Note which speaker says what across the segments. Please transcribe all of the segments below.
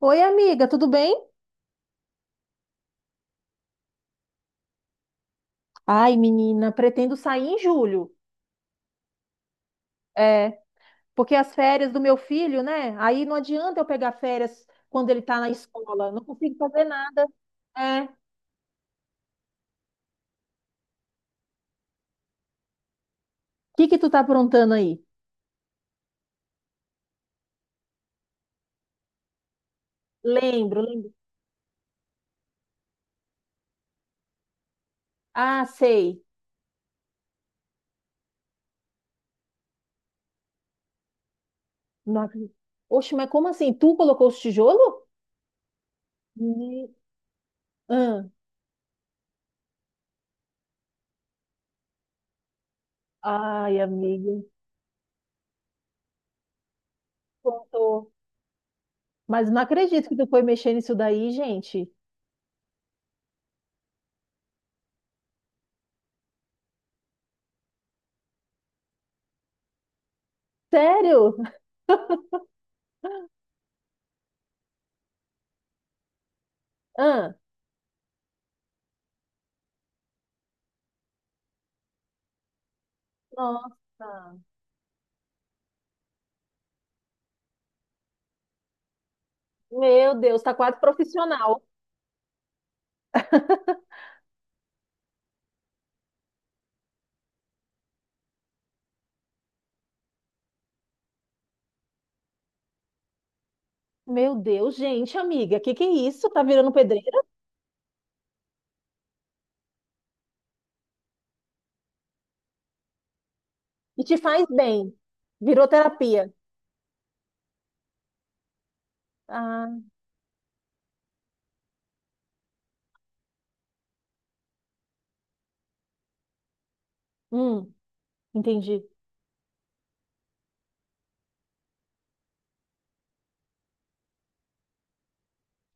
Speaker 1: Oi, amiga, tudo bem? Ai, menina, pretendo sair em julho. É, porque as férias do meu filho, né? Aí não adianta eu pegar férias quando ele tá na escola, não consigo fazer nada. É. O que que tu tá aprontando aí? Lembro, lembro. Ah, sei. Não acredito. Oxe, mas como assim? Tu colocou os tijolos? Ni- Hã. Ai, amiga, contou. Mas não acredito que tu foi mexer nisso daí, gente. Sério? Ah, nossa. Meu Deus, tá quase profissional. Meu Deus, gente, amiga, que é isso? Tá virando pedreira? E te faz bem. Virou terapia. Ah, hum, entendi.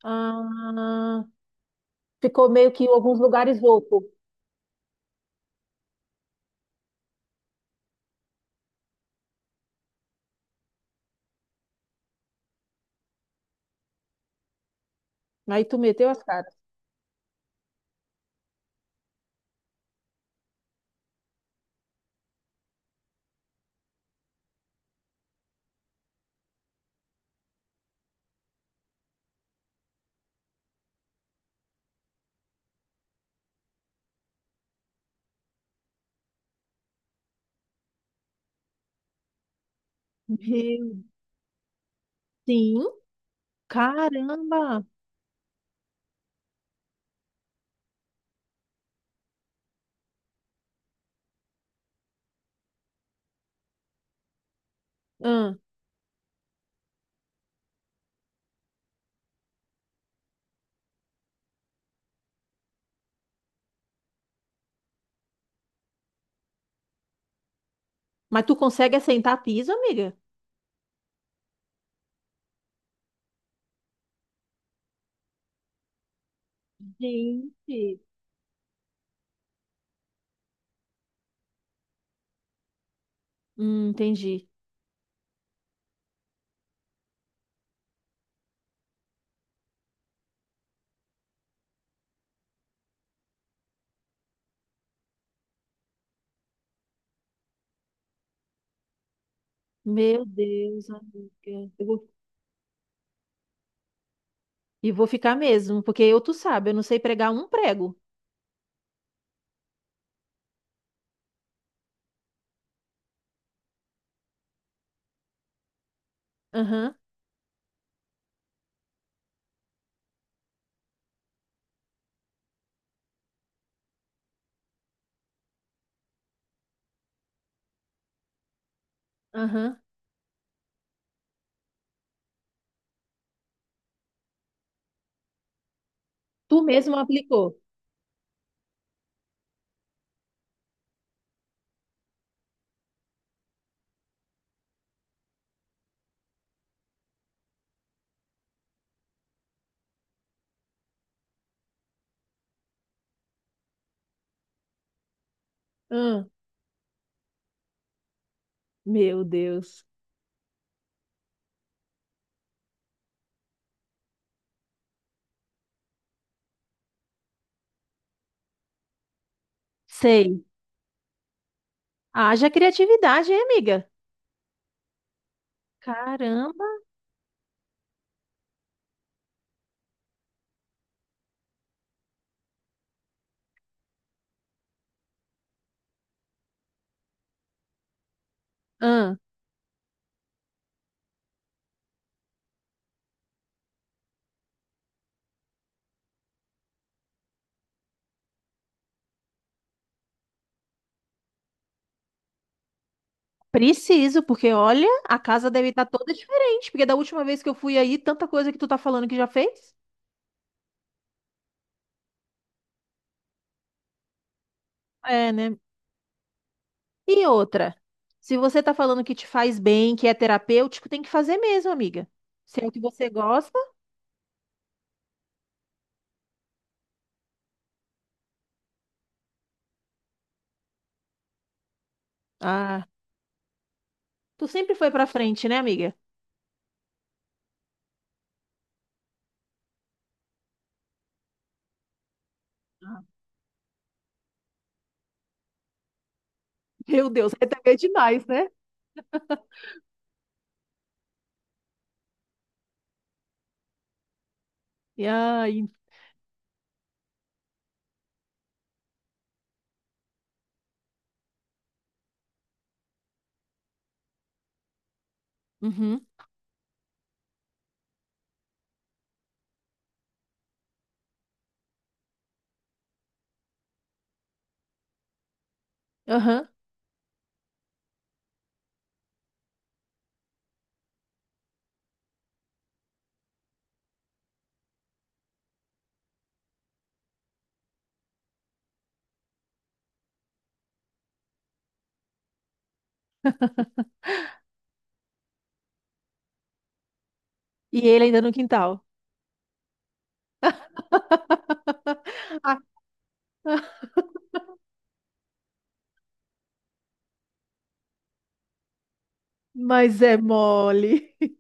Speaker 1: Ah, ficou meio que em alguns lugares louco. Aí tu meteu as caras. Meu, sim, caramba. Ah, mas tu consegue assentar piso, amiga? Gente. Entendi. Meu Deus, amiga. Eu vou- E vou ficar mesmo, porque eu, tu sabe, eu não sei pregar um prego. Aham. Aham. Tu mesmo aplicou. Ah, meu Deus. Sei. Haja criatividade, hein, amiga? Caramba. Ah, preciso, porque olha, a casa deve estar toda diferente, porque da última vez que eu fui aí, tanta coisa que tu tá falando que já fez. É, né? E outra, se você tá falando que te faz bem, que é terapêutico, tem que fazer mesmo, amiga. Se é o que você gosta, ah, tu sempre foi pra frente, né, amiga? Meu Deus, aí também é demais, né? E aí. Uhum, aham. E ele ainda no quintal. Mas é mole.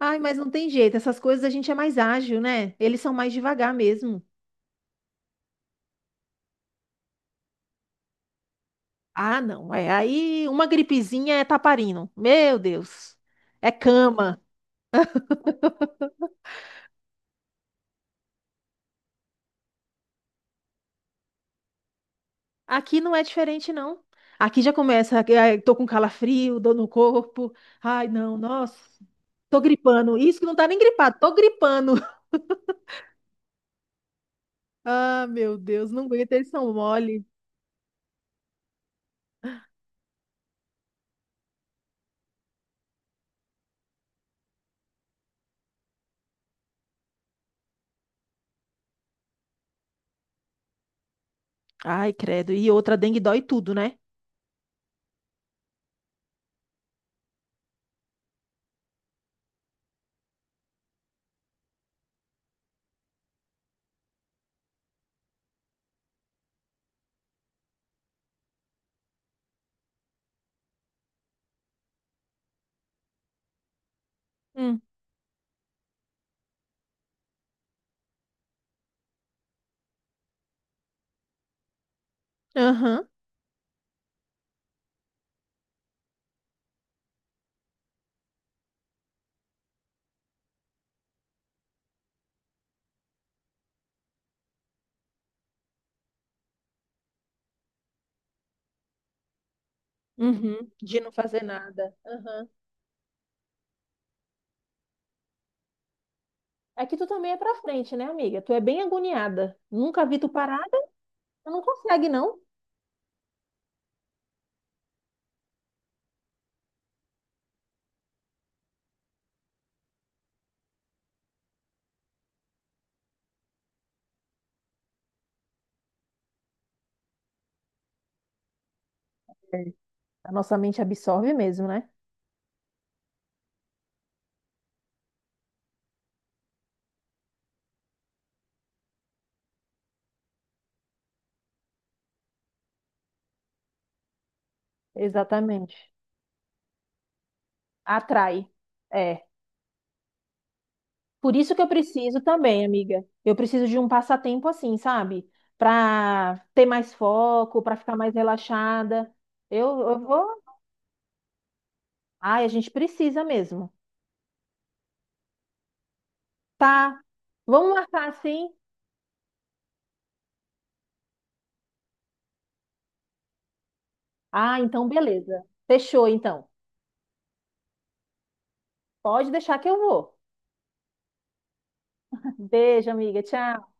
Speaker 1: Ai, mas não tem jeito. Essas coisas a gente é mais ágil, né? Eles são mais devagar mesmo. Ah, não. É aí uma gripezinha é taparino. Meu Deus. É cama. Aqui não é diferente, não. Aqui já começa. Ai, tô com calafrio, dor no corpo. Ai, não, nossa. Tô gripando. Isso que não tá nem gripado, tô gripando. Ah, meu Deus, não aguento, eles são mole. Ai, credo. E outra, dengue dói tudo, né? Hum. Aham. Uhum. De não fazer nada. Aham. É que tu também é pra frente, né, amiga? Tu é bem agoniada. Nunca vi tu parada. Tu não consegue, não. É. A nossa mente absorve mesmo, né? Exatamente. Atrai. É. Por isso que eu preciso também, amiga. Eu preciso de um passatempo assim, sabe? Pra ter mais foco, pra ficar mais relaxada. Eu vou. Ai, a gente precisa mesmo. Tá. Vamos marcar assim. Ah, então beleza. Fechou, então. Pode deixar que eu vou. Beijo, amiga. Tchau.